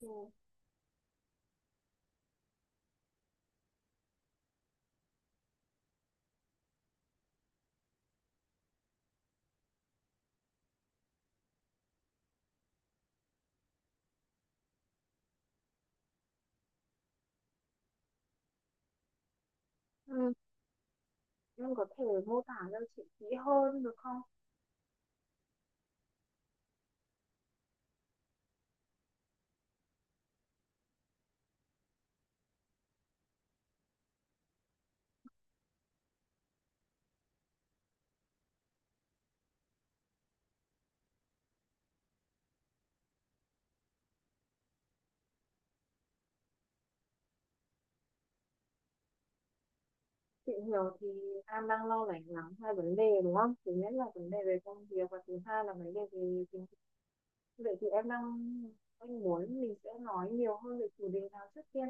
Ừ. Ừ. Em có thể mô tả cho chị kỹ hơn được không? Chị hiểu thì em đang lo lắng lắm hai vấn đề đúng không? Thứ nhất là vấn đề về công việc và thứ hai là vấn đề về tình. Vậy thì em đang anh muốn mình sẽ nói nhiều hơn về chủ đề nào trước tiên.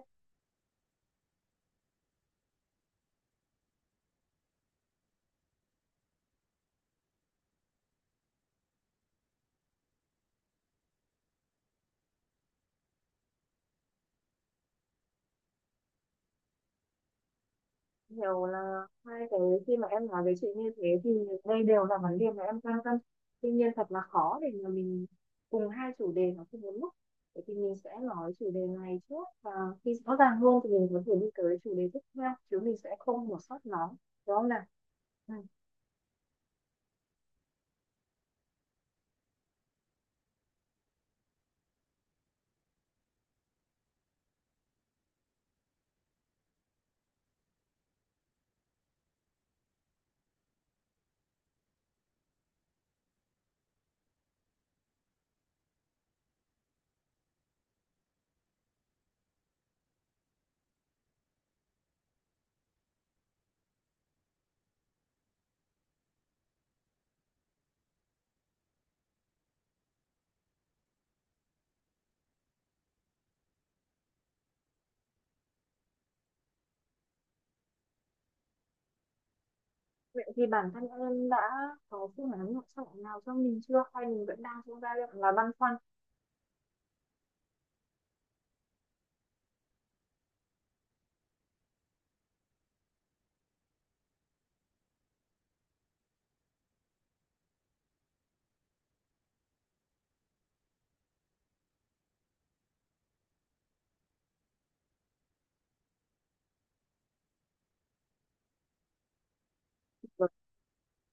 Hiểu là hai cái, khi mà em nói về chuyện như thế thì đây đều là vấn đề mà em quan tâm. Tuy nhiên thật là khó để mà mình cùng hai chủ đề nó cùng một lúc, vậy thì mình sẽ nói chủ đề này trước và khi rõ ràng hơn thì mình có thể đi tới chủ đề tiếp theo, chứ mình sẽ không bỏ sót nó, đúng không nào? Ừ. Vậy thì bản thân em đã có phương án lựa chọn nào cho mình chưa hay mình vẫn đang trong giai đoạn là băn khoăn?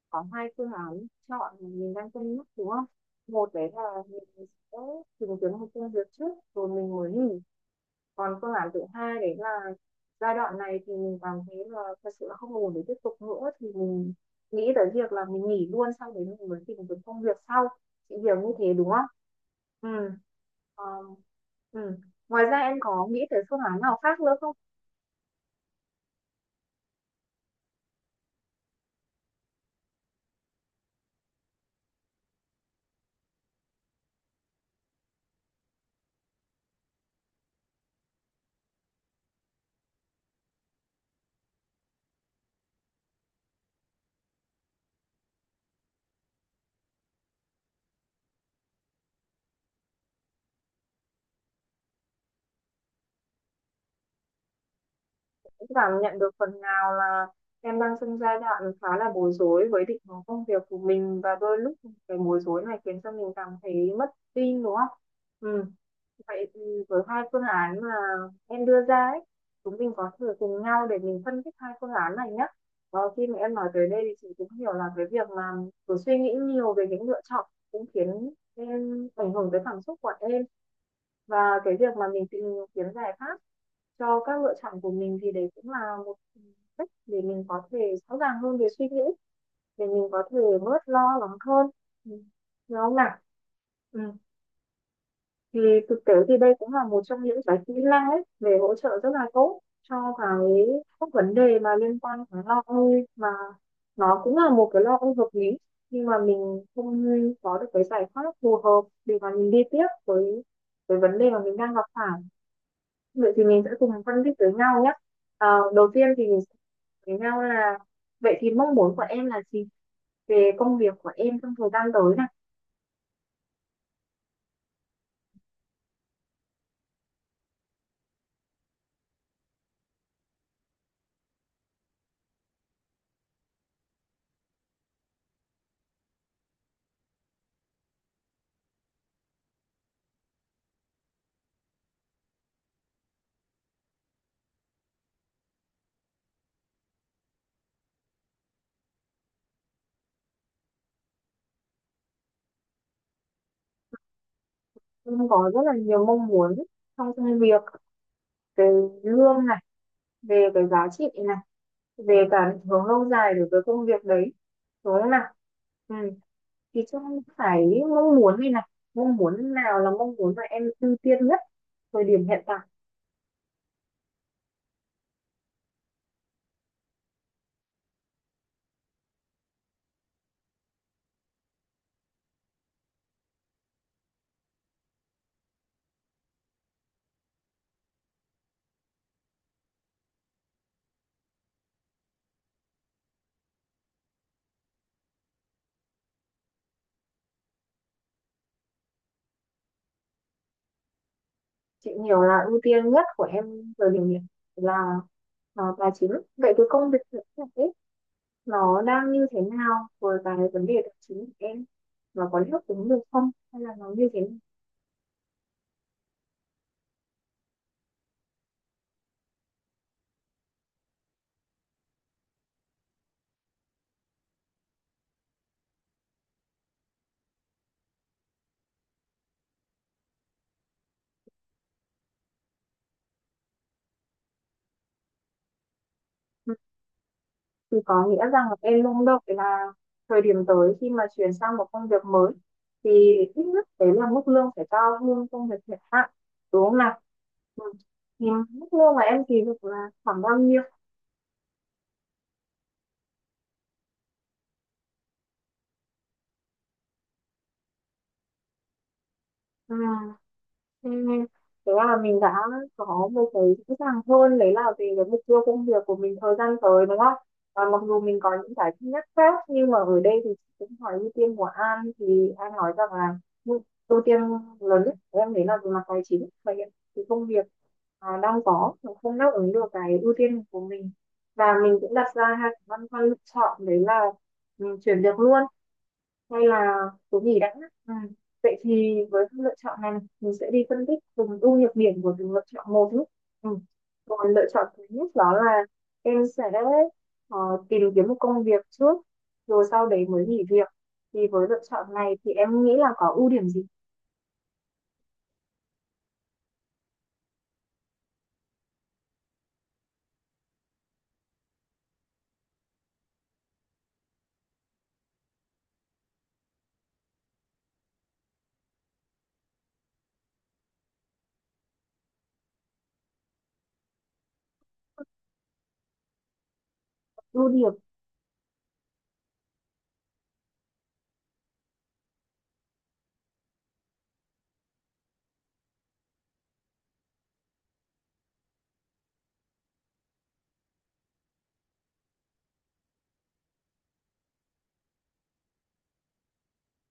Có hai phương án chọn mà mình đang cân nhắc đúng không, một đấy là mình sẽ tìm kiếm một công việc trước rồi mình mới nghỉ, còn phương án thứ hai đấy là giai đoạn này thì mình cảm thấy là thật sự là không ổn để tiếp tục nữa thì mình nghĩ tới việc là mình nghỉ luôn sau đấy mình mới tìm kiếm công việc sau. Chị hiểu như thế đúng không? Ừ. Ờ, ừ. Ngoài ra em có nghĩ tới phương án nào khác nữa không? Cũng cảm nhận được phần nào là em đang trong giai đoạn khá là bối rối với định hướng công việc của mình và đôi lúc cái bối rối này khiến cho mình cảm thấy mất tin đúng không? Ừ. Vậy thì với hai phương án mà em đưa ra ấy, chúng mình có thể cùng nhau để mình phân tích hai phương án này nhé. Khi mà em nói tới đây thì chị cũng hiểu là cái việc mà cứ suy nghĩ nhiều về những lựa chọn cũng khiến em ảnh hưởng tới cảm xúc của em. Và cái việc mà mình tìm kiếm giải pháp cho các lựa chọn của mình thì đấy cũng là một cách để mình có thể rõ ràng hơn về suy nghĩ, để mình có thể bớt lo lắng hơn. Ừ. Đúng không nào? Ừ, thì thực tế thì đây cũng là một trong những cái kỹ năng ấy về hỗ trợ rất là tốt cho cái các vấn đề mà liên quan đến lo âu, mà nó cũng là một cái lo âu hợp lý, nhưng mà mình không có được cái giải pháp phù hợp để mà mình đi tiếp với vấn đề mà mình đang gặp phải. Vậy thì mình sẽ cùng phân tích với nhau nhé. À, đầu tiên thì mình sẽ với nhau là vậy thì mong muốn của em là gì về công việc của em trong thời gian tới này? Em có rất là nhiều mong muốn trong công việc, về lương, về cái giá trị này, về cả định hướng lâu dài đối với công việc đấy, đúng không nào? Ừ. Thì trong phải mong muốn này này, mong muốn nào là mong muốn mà em ưu tiên nhất thời điểm hiện tại? Chị hiểu là ưu tiên nhất của em thời điểm hiện là tài chính. Vậy cái công việc hiện tại ấy, nó đang như thế nào với cái vấn đề tài chính của em, nó có đáp ứng được không hay là nó như thế nào? Thì có nghĩa rằng là em mong đợi là thời điểm tới khi mà chuyển sang một công việc mới thì ít nhất đấy là mức lương phải cao hơn công việc hiện tại, đúng không nào? Ừ. Thì mức lương mà em kỳ vọng là khoảng bao nhiêu? Ừ. Ừ. Thế là mình đã có một cái rõ ràng hơn đấy là về cái mục tiêu công việc của mình thời gian tới đúng không? Và mặc dù mình có những cái thứ nhất khác nhưng mà ở đây thì chị cũng hỏi ưu tiên của An thì An nói rằng là ưu ưu tiên lớn nhất của em đấy là về mặt tài chính và hiện thì công việc đang có nó không đáp ứng được cái ưu tiên của mình. Và mình cũng đặt ra hai cái băn khoăn lựa chọn đấy là chuyển việc luôn hay là số nghỉ đã. Ừ. Vậy thì với các lựa chọn này mình sẽ đi phân tích từng ưu nhược điểm của từng lựa chọn một nhé. Ừ. Còn lựa chọn thứ nhất đó là em sẽ ờ, tìm kiếm một công việc trước rồi sau đấy mới nghỉ việc, thì với lựa chọn này thì em nghĩ là có ưu điểm gì? Ưu điểm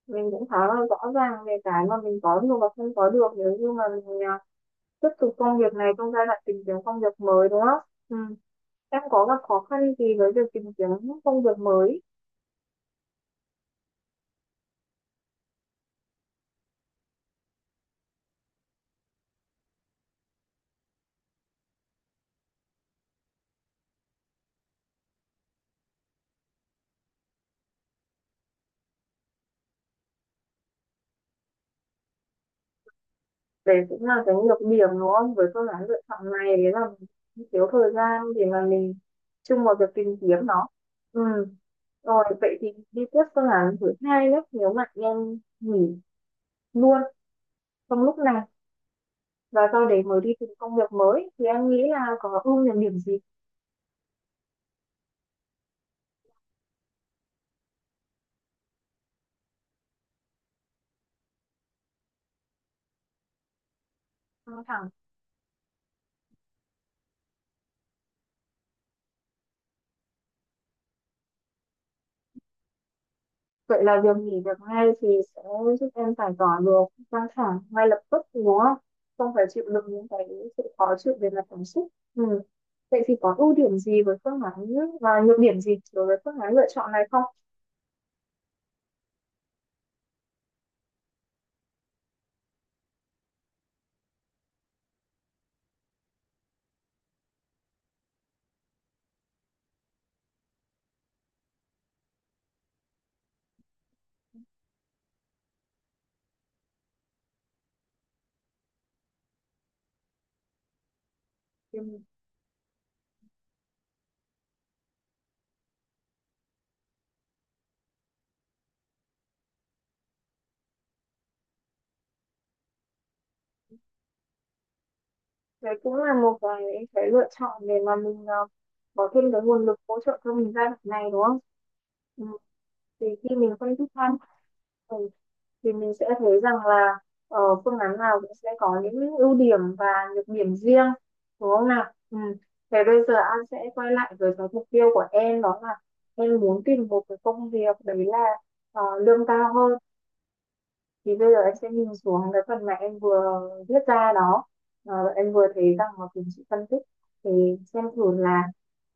mình cũng khá là rõ ràng về cái mà mình có được và không có được nếu như mà mình tiếp tục công việc này trong giai đoạn tìm kiếm công việc mới đúng không? Ừ. Em có gặp khó khăn gì với việc tìm kiếm công việc mới? Đấy cũng là cái nhược điểm đúng không, với phương án lựa chọn này đấy là mình thiếu thời gian để mà mình chung vào việc tìm kiếm nó. Ừ. Rồi vậy thì đi tiếp phương án thứ hai nhé, nếu mà em nghỉ luôn trong lúc này và sau đấy mới đi tìm công việc mới thì em nghĩ là có ưu nhược điểm gì? Căng thẳng. Vậy là việc nghỉ việc ngay thì sẽ giúp em giải tỏa được căng thẳng ngay lập tức đúng không? Không phải chịu đựng những cái sự khó chịu về mặt cảm xúc. Ừ. Vậy thì có ưu điểm gì với phương án và nhược điểm gì đối với phương án lựa chọn này không? Thì đấy cũng là một cái lựa chọn để mà mình có thêm cái nguồn lực hỗ trợ cho mình giai đoạn này đúng không? Ừ. Thì khi mình phân tích hơn thì mình sẽ thấy rằng là phương án nào cũng sẽ có những ưu điểm và nhược điểm riêng, đúng không nào? Ừ. Thế bây giờ An sẽ quay lại với cái mục tiêu của em đó là em muốn tìm một cái công việc đấy là lương cao hơn, thì bây giờ em sẽ nhìn xuống cái phần mà em vừa viết ra đó. Em vừa thấy rằng mà cùng chị phân tích thì xem thử là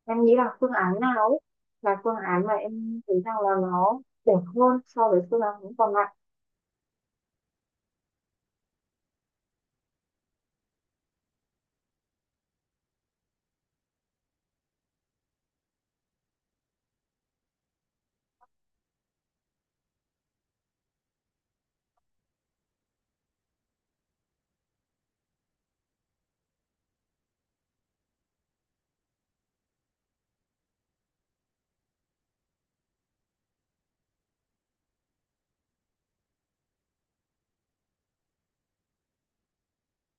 em nghĩ là phương án nào ấy là phương án mà em thấy rằng là nó đẹp hơn so với phương án còn lại.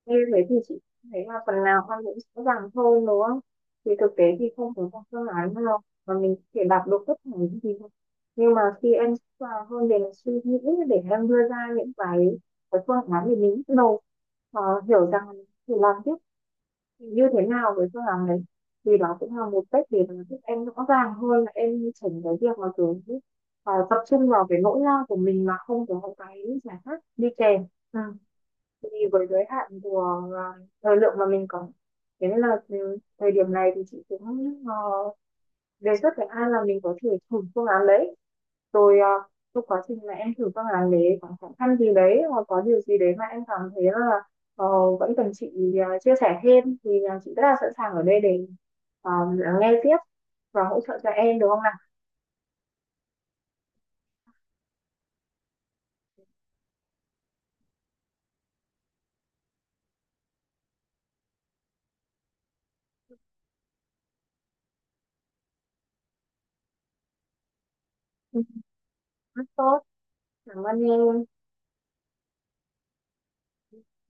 Như thế thì chị thấy là phần nào con cũng rõ ràng hơn đúng không? Thì thực tế thì không có một phương án nào mà mình có thể đạt được tất cả những gì không? Nhưng mà khi em sẵn sàng hơn để suy nghĩ, để em đưa ra những cái phương án để mình bắt đầu ờ, hiểu rằng thì làm tiếp thì như thế nào với phương án đấy, thì đó cũng là một cách để mà giúp em rõ ràng hơn là em chỉnh cái việc mà kiểu tập trung vào cái nỗi lo của mình mà không có cái giải pháp đi kèm. Ừ. Thì với giới hạn của thời lượng mà mình có, thế nên là từ thời điểm này thì chị cũng đề xuất với An là mình có thể thử phương án đấy rồi, trong quá trình mà em thử phương án đấy có khó khăn gì đấy hoặc có điều gì đấy mà em cảm thấy là ờ, vẫn cần chị chia sẻ thêm thì chị rất là sẵn sàng ở đây để ờ, lắng nghe tiếp và hỗ trợ cho em được không nào? Ừ, rất tốt, cảm ơn em.